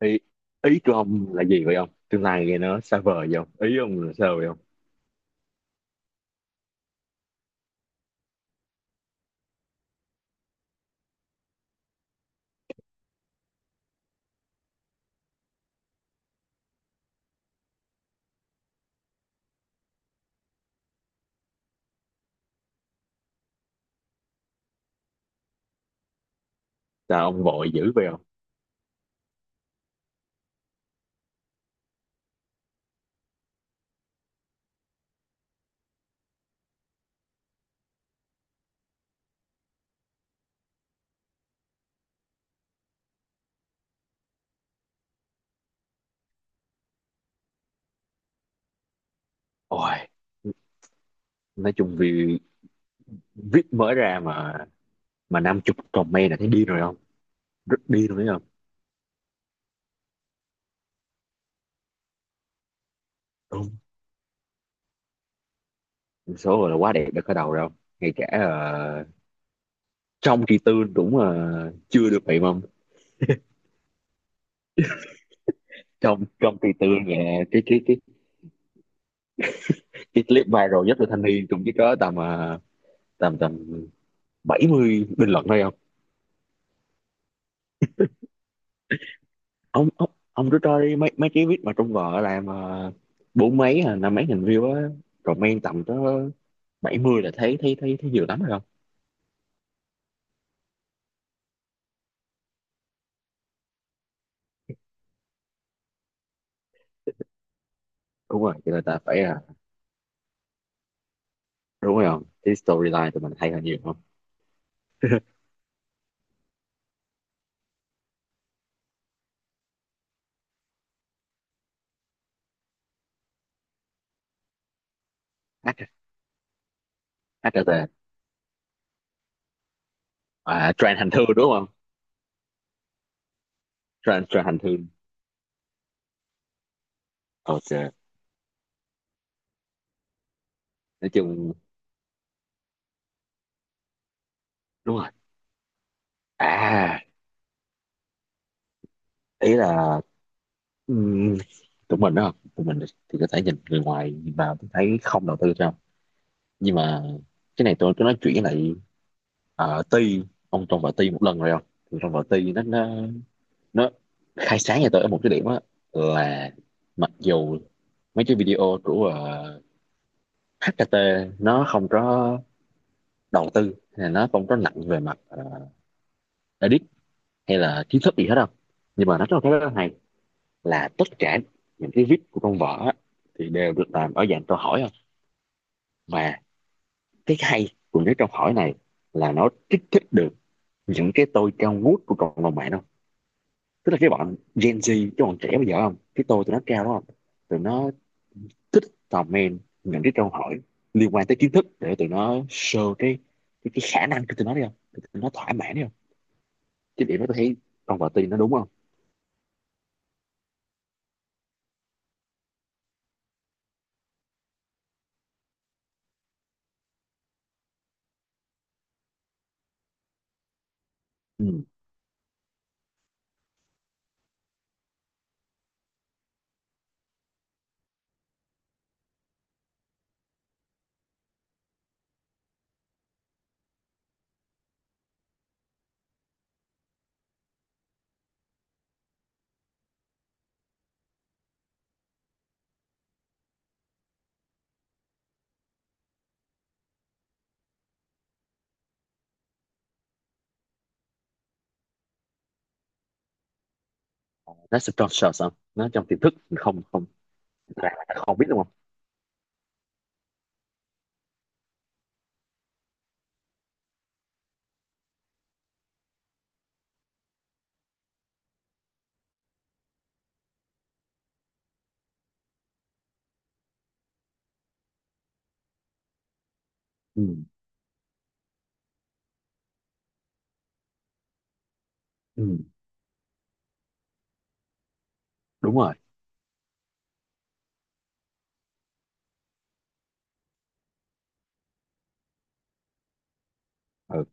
Ý ý của ông là gì vậy ông? Tương lai nghe nó xa vời vậy ông? Ý ông là sao vậy ông? Sao ông vội dữ vậy ông? Ôi, nói chung vì viết mới ra mà 50 comment là thấy điên rồi không? Rất điên rồi đấy không? Đúng số rồi, là quá đẹp, đã khởi đầu rồi không? Ngay cả trong kỳ tư cũng chưa được vậy mà ông. Trong trong kỳ tư nghe cái cái clip viral nhất là thanh niên cũng chỉ có tầm tầm tầm 70 bình luận thôi không. Ông cứ coi mấy mấy cái viết mà trong vợ làm uh, bốn mấy à, năm mấy nghìn view á, rồi men tầm tới 70 là thấy thấy thấy thấy nhiều lắm rồi không. Đúng rồi, cho nên ta phải à, đúng rồi không, cái storyline tụi mình hay hơn nhiều không. H- HRT. À, trend hành thương đúng không? Trend trend hành thương. Ok, nói chung, đúng rồi, à, ý là ừm, tụi mình đó, tụi mình thì có thể nhìn, người ngoài nhìn vào thấy không đầu tư sao, nhưng mà cái này tôi cứ nói chuyện lại. Ti, ông trong vở Ti một lần rồi không, thì trong vở Ti nó nó khai sáng cho tôi ở một cái điểm á, là mặc dù mấy cái video của HKT nó không có đầu tư, hay là nó không có nặng về mặt edit hay là kiến thức gì hết đâu, nhưng mà nó có một cái rất hay, là tất cả những cái viết của trong vở á, thì đều được làm ở dạng câu hỏi không. Và cái hay của những câu hỏi này là nó kích thích được những cái tôi cao ngút của cộng đồng mạng, tức là cái bọn Gen Z, cái bọn trẻ bây giờ không, cái tôi tụi nó cao đó không, tụi nó thích comment những cái câu hỏi liên quan tới kiến thức để tụi nó show cái cái khả năng của tụi nó đi không, tụi nó thỏa mãn đi không. Cái điểm đó tôi thấy con vợ tiên nó đúng không. Ừ. Nó sẽ conscious không, nó trong tiềm thức mình không không là không biết đúng không. Ừ. Ừ. Đúng rồi. Ừ.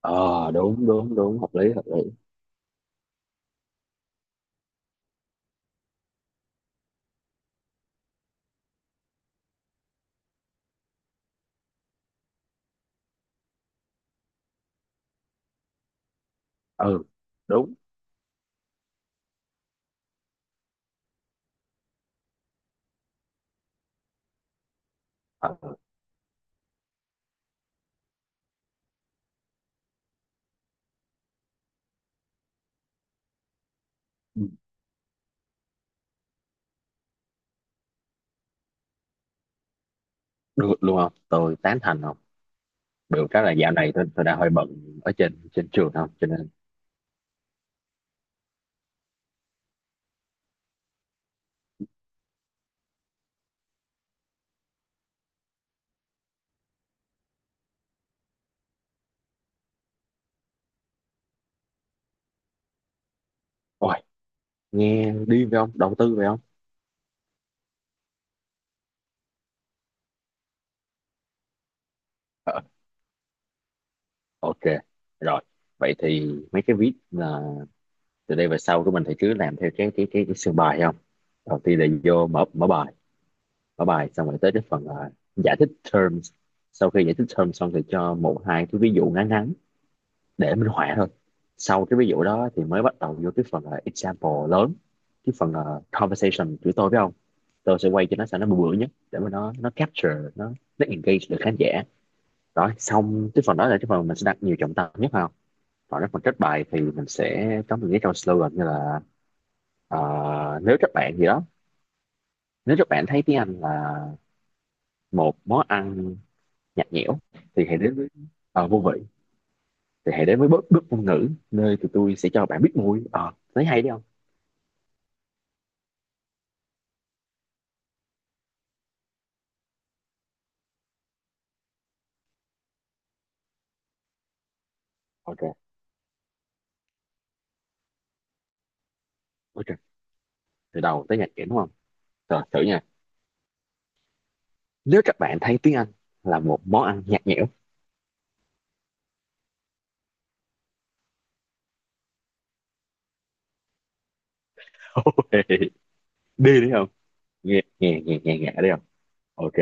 Ờ, đúng đúng đúng, hợp lý hợp lý. Ừ. Đúng. Ờ. Ừ. Được luôn không, tôi tán thành không. Được cái là dạo này tôi đang hơi bận ở trên trên trường không, cho nên. Ôi, nghe điên phải không? Đầu tư phải không? Ờ, ok, rồi. Vậy thì mấy cái viết là từ đây về sau của mình thì cứ làm theo cái sườn bài không? Đầu tiên là vô mở mở bài xong rồi tới cái phần là giải thích terms. Sau khi giải thích terms xong thì cho một hai cái ví dụ ngắn ngắn để minh họa thôi. Sau cái ví dụ đó thì mới bắt đầu vô cái phần là example lớn, cái phần là conversation của tôi phải không? Tôi sẽ quay cho nó sao nó bự bự nhất để mà nó capture nó engage được khán giả. Rồi xong cái phần đó là cái phần mình sẽ đặt nhiều trọng tâm nhất không? Còn cái phần kết bài thì mình sẽ có một cái câu slogan như là ờ, nếu các bạn gì đó, nếu các bạn thấy tiếng Anh là một món ăn nhạt nhẽo thì hãy đến với vô vị, thì hãy đến với bước bước ngôn ngữ, nơi tụi tôi sẽ cho bạn biết mùi. Ờ Thấy hay đấy không. Ok. Ok, từ đầu tới nhạt nhẽo đúng không, rồi thử nha. Nếu các bạn thấy tiếng Anh là một món ăn nhạt nhẽo. Đi đấy không. Nghe nghe nghe nghe nghe đấy không. Ok.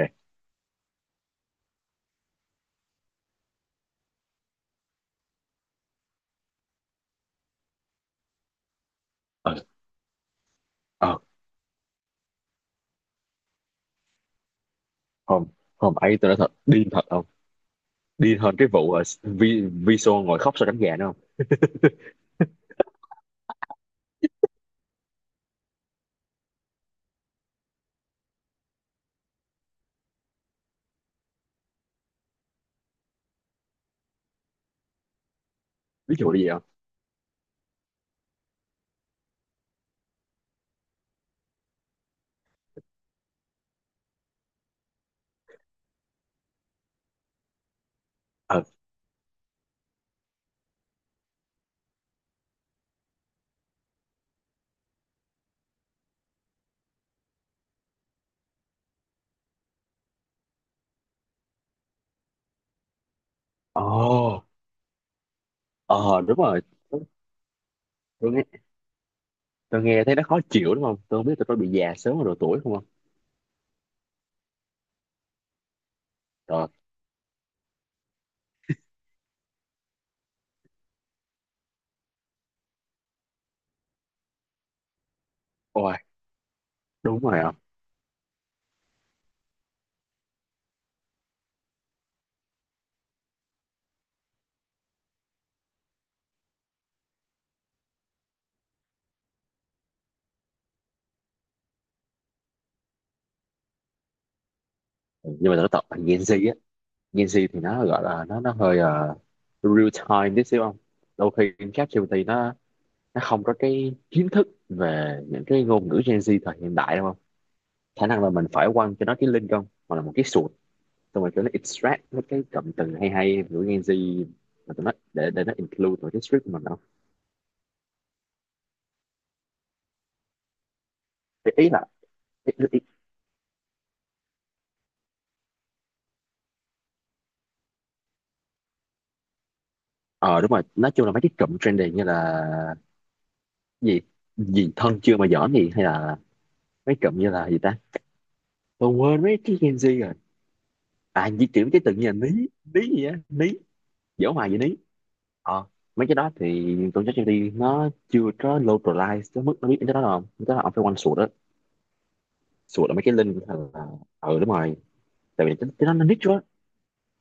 ờ, ờ, không không ấy, tôi nói thật điên thật không, điên hơn cái vụ vi Viso ngồi khóc sau đánh gà nữa không. Ví dụ như vậy không. Ừ. Ờ ồ. Ờ, đúng rồi. Tôi, tôi nghe tôi nghe thấy nó khó chịu đúng không, tôi không biết tôi có bị già sớm vào độ tuổi không không Rồi. Ôi, đúng rồi không. Nhưng mà tôi nói thật là Gen Z á, Gen Z thì nó gọi là nó hơi real time tí xíu không. Đôi khi ChatGPT nó không có cái kiến thức về những cái ngôn ngữ Gen Z thời hiện đại đúng không. Khả năng là mình phải quăng cho nó cái link không, hoặc là một cái, xong rồi kiểu nó extract mấy cái cụm từ hay hay của Gen Z mà tụi nó, để nó include vào cái script của mình không. Ý, ý là ý, ý, ờ đúng rồi, nói chung là mấy cái cụm trendy như là gì, gì thân chưa mà giỡn gì, hay là mấy cụm như là gì ta, tôi quên mấy cái Gen Z rồi, à di chuyển cái từ như là ní ní gì á, ní dở hoài gì ní. Ờ, mấy cái đó thì tôi chắc đi, nó chưa có localize tới mức nó biết cái đó đâu, cái đó là ông phải quanh sụt đó. Sụt là mấy cái link hay là. Ừ, đúng rồi. Tại vì cái đó nó niche quá,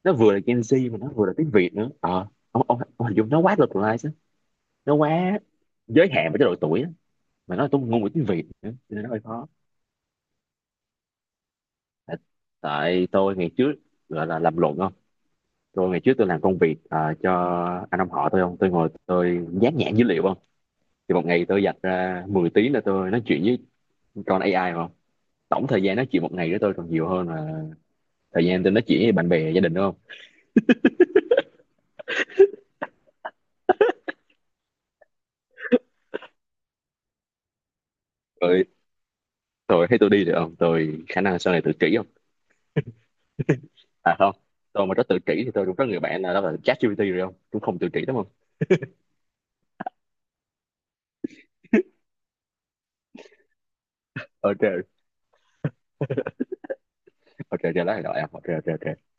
nó vừa là Gen Z mà nó vừa là tiếng Việt nữa. Ờ ông hình dung nó quá localized á. Nó quá giới hạn với cái độ tuổi á, mà nó là ngôn ngữ tiếng Việt nữa cho nên nó hơi khó. Tại, tại tôi ngày trước gọi là làm luận không, tôi ngày trước tôi làm công việc cho anh ông họ tôi không, tôi ngồi tôi dán nhãn dữ liệu không, thì một ngày tôi dành ra 10 tiếng là tôi nói chuyện với con AI không. Tổng thời gian nói chuyện một ngày với tôi còn nhiều hơn là thời gian tôi nói chuyện với bạn bè gia đình đúng không. Rồi, tôi thấy tôi đi được không, tôi khả năng sau này tự kỷ, à không, tôi mà rất tự kỷ thì tôi cũng có người bạn là, đó là ChatGPT rồi không, cũng không tự kỷ đúng không. Ờ trời. Ờ trời trời lá này là em, ok, trời trời trời.